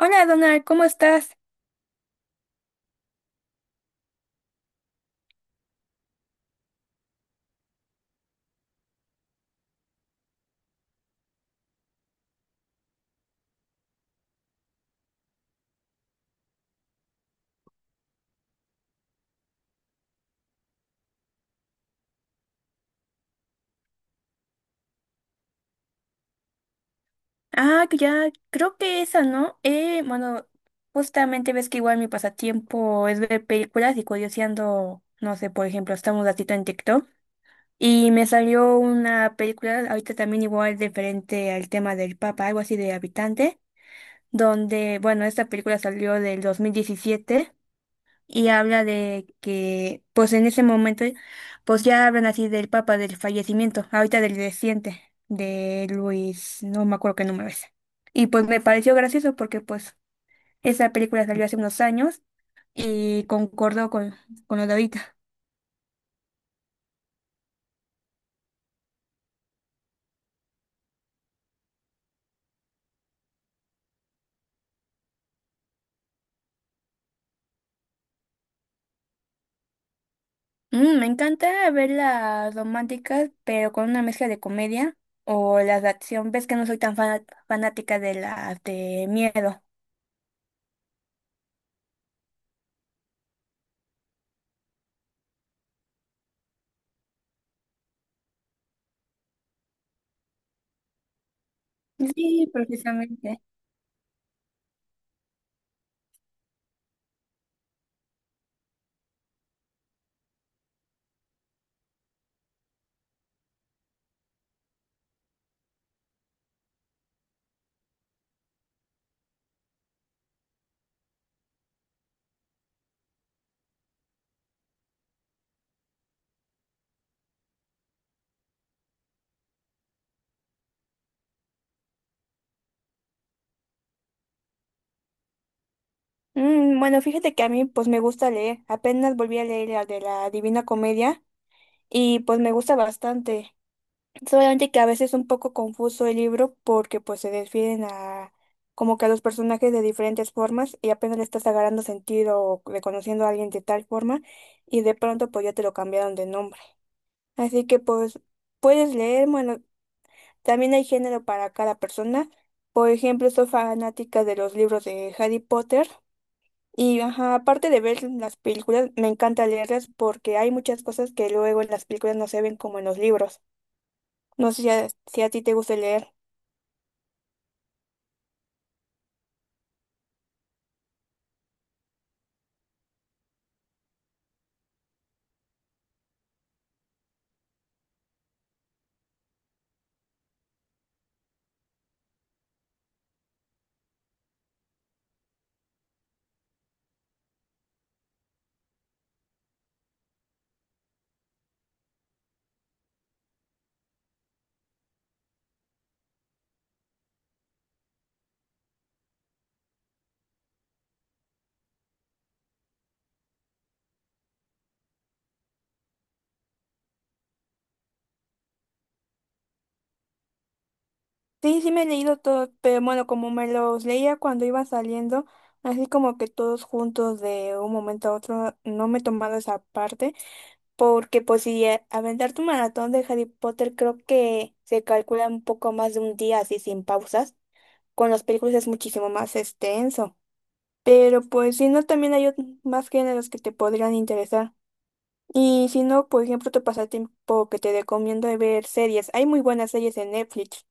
Hola Donald, ¿cómo estás? Ah, que ya, creo que esa, ¿no? Bueno, justamente ves que igual mi pasatiempo es ver películas y curioseando, no sé, por ejemplo, estamos un ratito en TikTok y me salió una película, ahorita también igual diferente al tema del Papa, algo así de Habitante, esta película salió del 2017, y habla de que, pues en ese momento, pues ya hablan así del Papa, del fallecimiento, ahorita del reciente, de Luis, no me acuerdo qué número es. Y pues me pareció gracioso porque pues esa película salió hace unos años y concordó con lo de ahorita. Mm, me encanta ver las románticas, pero con una mezcla de comedia o las de acción. Ves que no soy tan fanática de las de miedo. Sí, precisamente. Mm, bueno, fíjate que a mí pues me gusta leer. Apenas volví a leer la de la Divina Comedia y pues me gusta bastante. Solamente que a veces es un poco confuso el libro porque pues se desfieren a como que a los personajes de diferentes formas y apenas le estás agarrando sentido o reconociendo a alguien de tal forma y de pronto pues ya te lo cambiaron de nombre. Así que pues puedes leer, bueno, también hay género para cada persona. Por ejemplo, soy fanática de los libros de Harry Potter. Y ajá, aparte de ver las películas, me encanta leerlas porque hay muchas cosas que luego en las películas no se ven como en los libros. No sé si a ti te gusta leer. Sí, sí me he leído todo, pero bueno, como me los leía cuando iba saliendo, así como que todos juntos de un momento a otro, no me he tomado esa parte, porque pues si aventar tu maratón de Harry Potter creo que se calcula un poco más de un día así sin pausas. Con las películas es muchísimo más extenso. Pero pues si no, también hay más géneros que te podrían interesar. Y si no, por ejemplo, tu pasatiempo que te recomiendo es ver series. Hay muy buenas series en Netflix.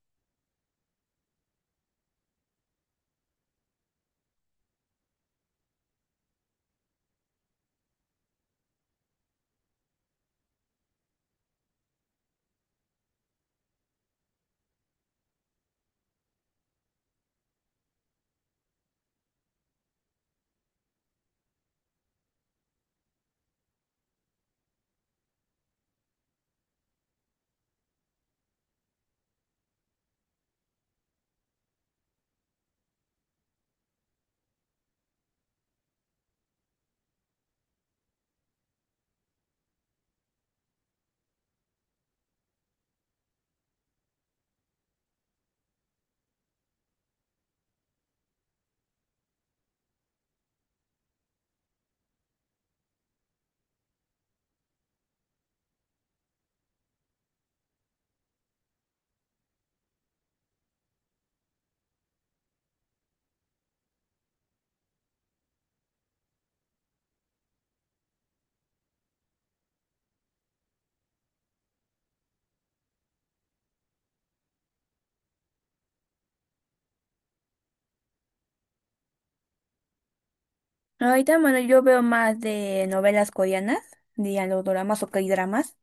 Ahorita, bueno, yo veo más de novelas coreanas, dirían los dramas o K-dramas.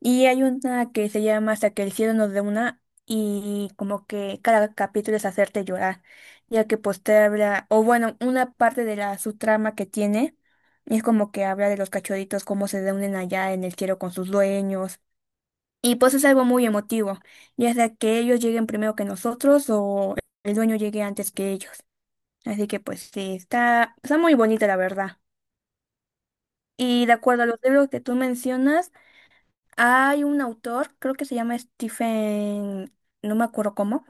Y hay una que se llama Hasta que el cielo nos dé una y como que cada capítulo es hacerte llorar, ya que pues te habla, o bueno, una parte de la subtrama que tiene es como que habla de los cachorritos, cómo se reúnen allá en el cielo con sus dueños. Y pues es algo muy emotivo, ya sea que ellos lleguen primero que nosotros o el dueño llegue antes que ellos. Así que pues sí, está, está muy bonita la verdad. Y de acuerdo a los libros que tú mencionas, hay un autor, creo que se llama Stephen, no me acuerdo cómo,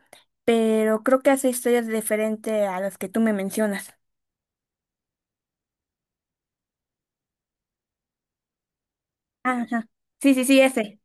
pero creo que hace historias diferentes a las que tú me mencionas. Ajá. Sí, sí, sí, ese.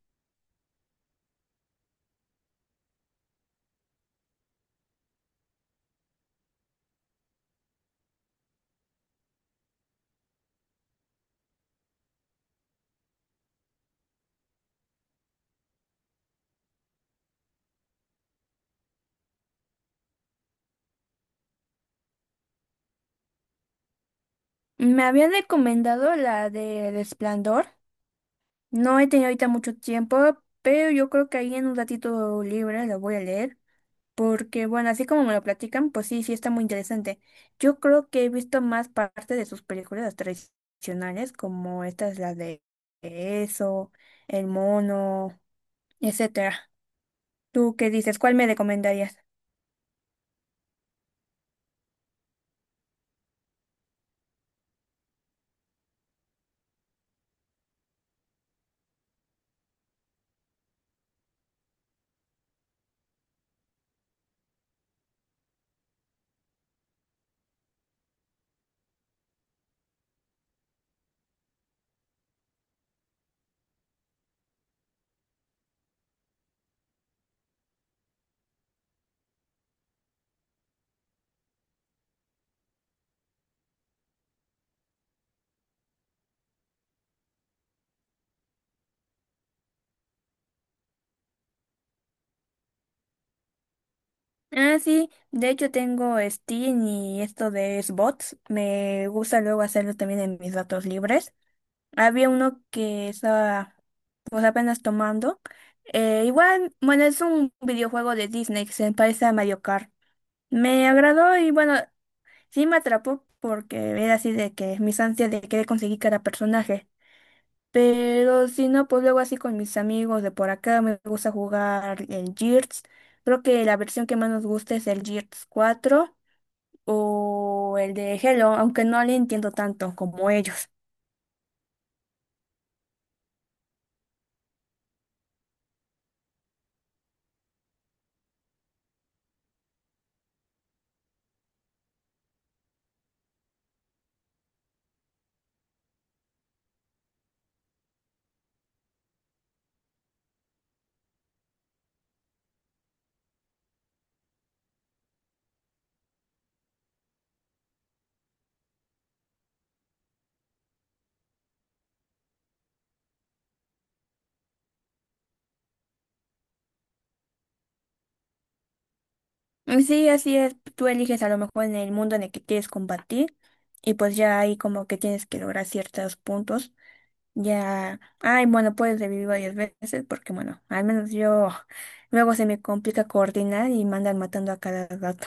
Me habían recomendado la de El Esplendor. No he tenido ahorita mucho tiempo, pero yo creo que ahí en un ratito libre lo voy a leer, porque bueno, así como me lo platican, pues sí, sí está muy interesante. Yo creo que he visto más parte de sus películas tradicionales, como esta es la de Eso, El Mono, etcétera. ¿Tú qué dices? ¿Cuál me recomendarías? Ah, sí, de hecho tengo Steam y esto de Xbox. Me gusta luego hacerlo también en mis datos libres. Había uno que estaba pues apenas tomando. Igual, bueno, es un videojuego de Disney que se parece a Mario Kart. Me agradó y bueno, sí me atrapó porque era así de que mis ansias de querer conseguir cada personaje. Pero si no, pues luego así con mis amigos de por acá me gusta jugar el Gears. Creo que la versión que más nos gusta es el Gears 4 o el de Hello, aunque no le entiendo tanto como ellos. Mm, sí, así es. Tú eliges a lo mejor en el mundo en el que quieres combatir y pues ya ahí como que tienes que lograr ciertos puntos. Ya, ay, bueno, puedes revivir varias veces porque bueno, al menos yo luego se me complica coordinar y me andan matando a cada rato.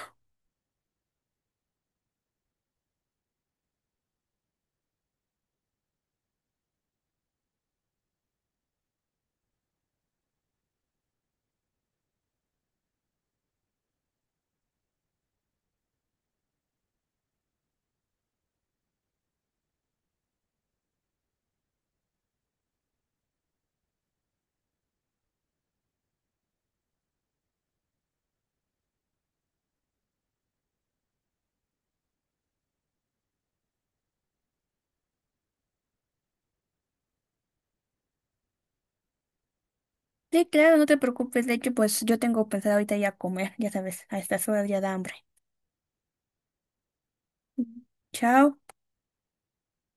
Sí, claro, no te preocupes. De hecho, pues yo tengo pensado ahorita ya comer, ya sabes, a estas horas ya da hambre. Chao.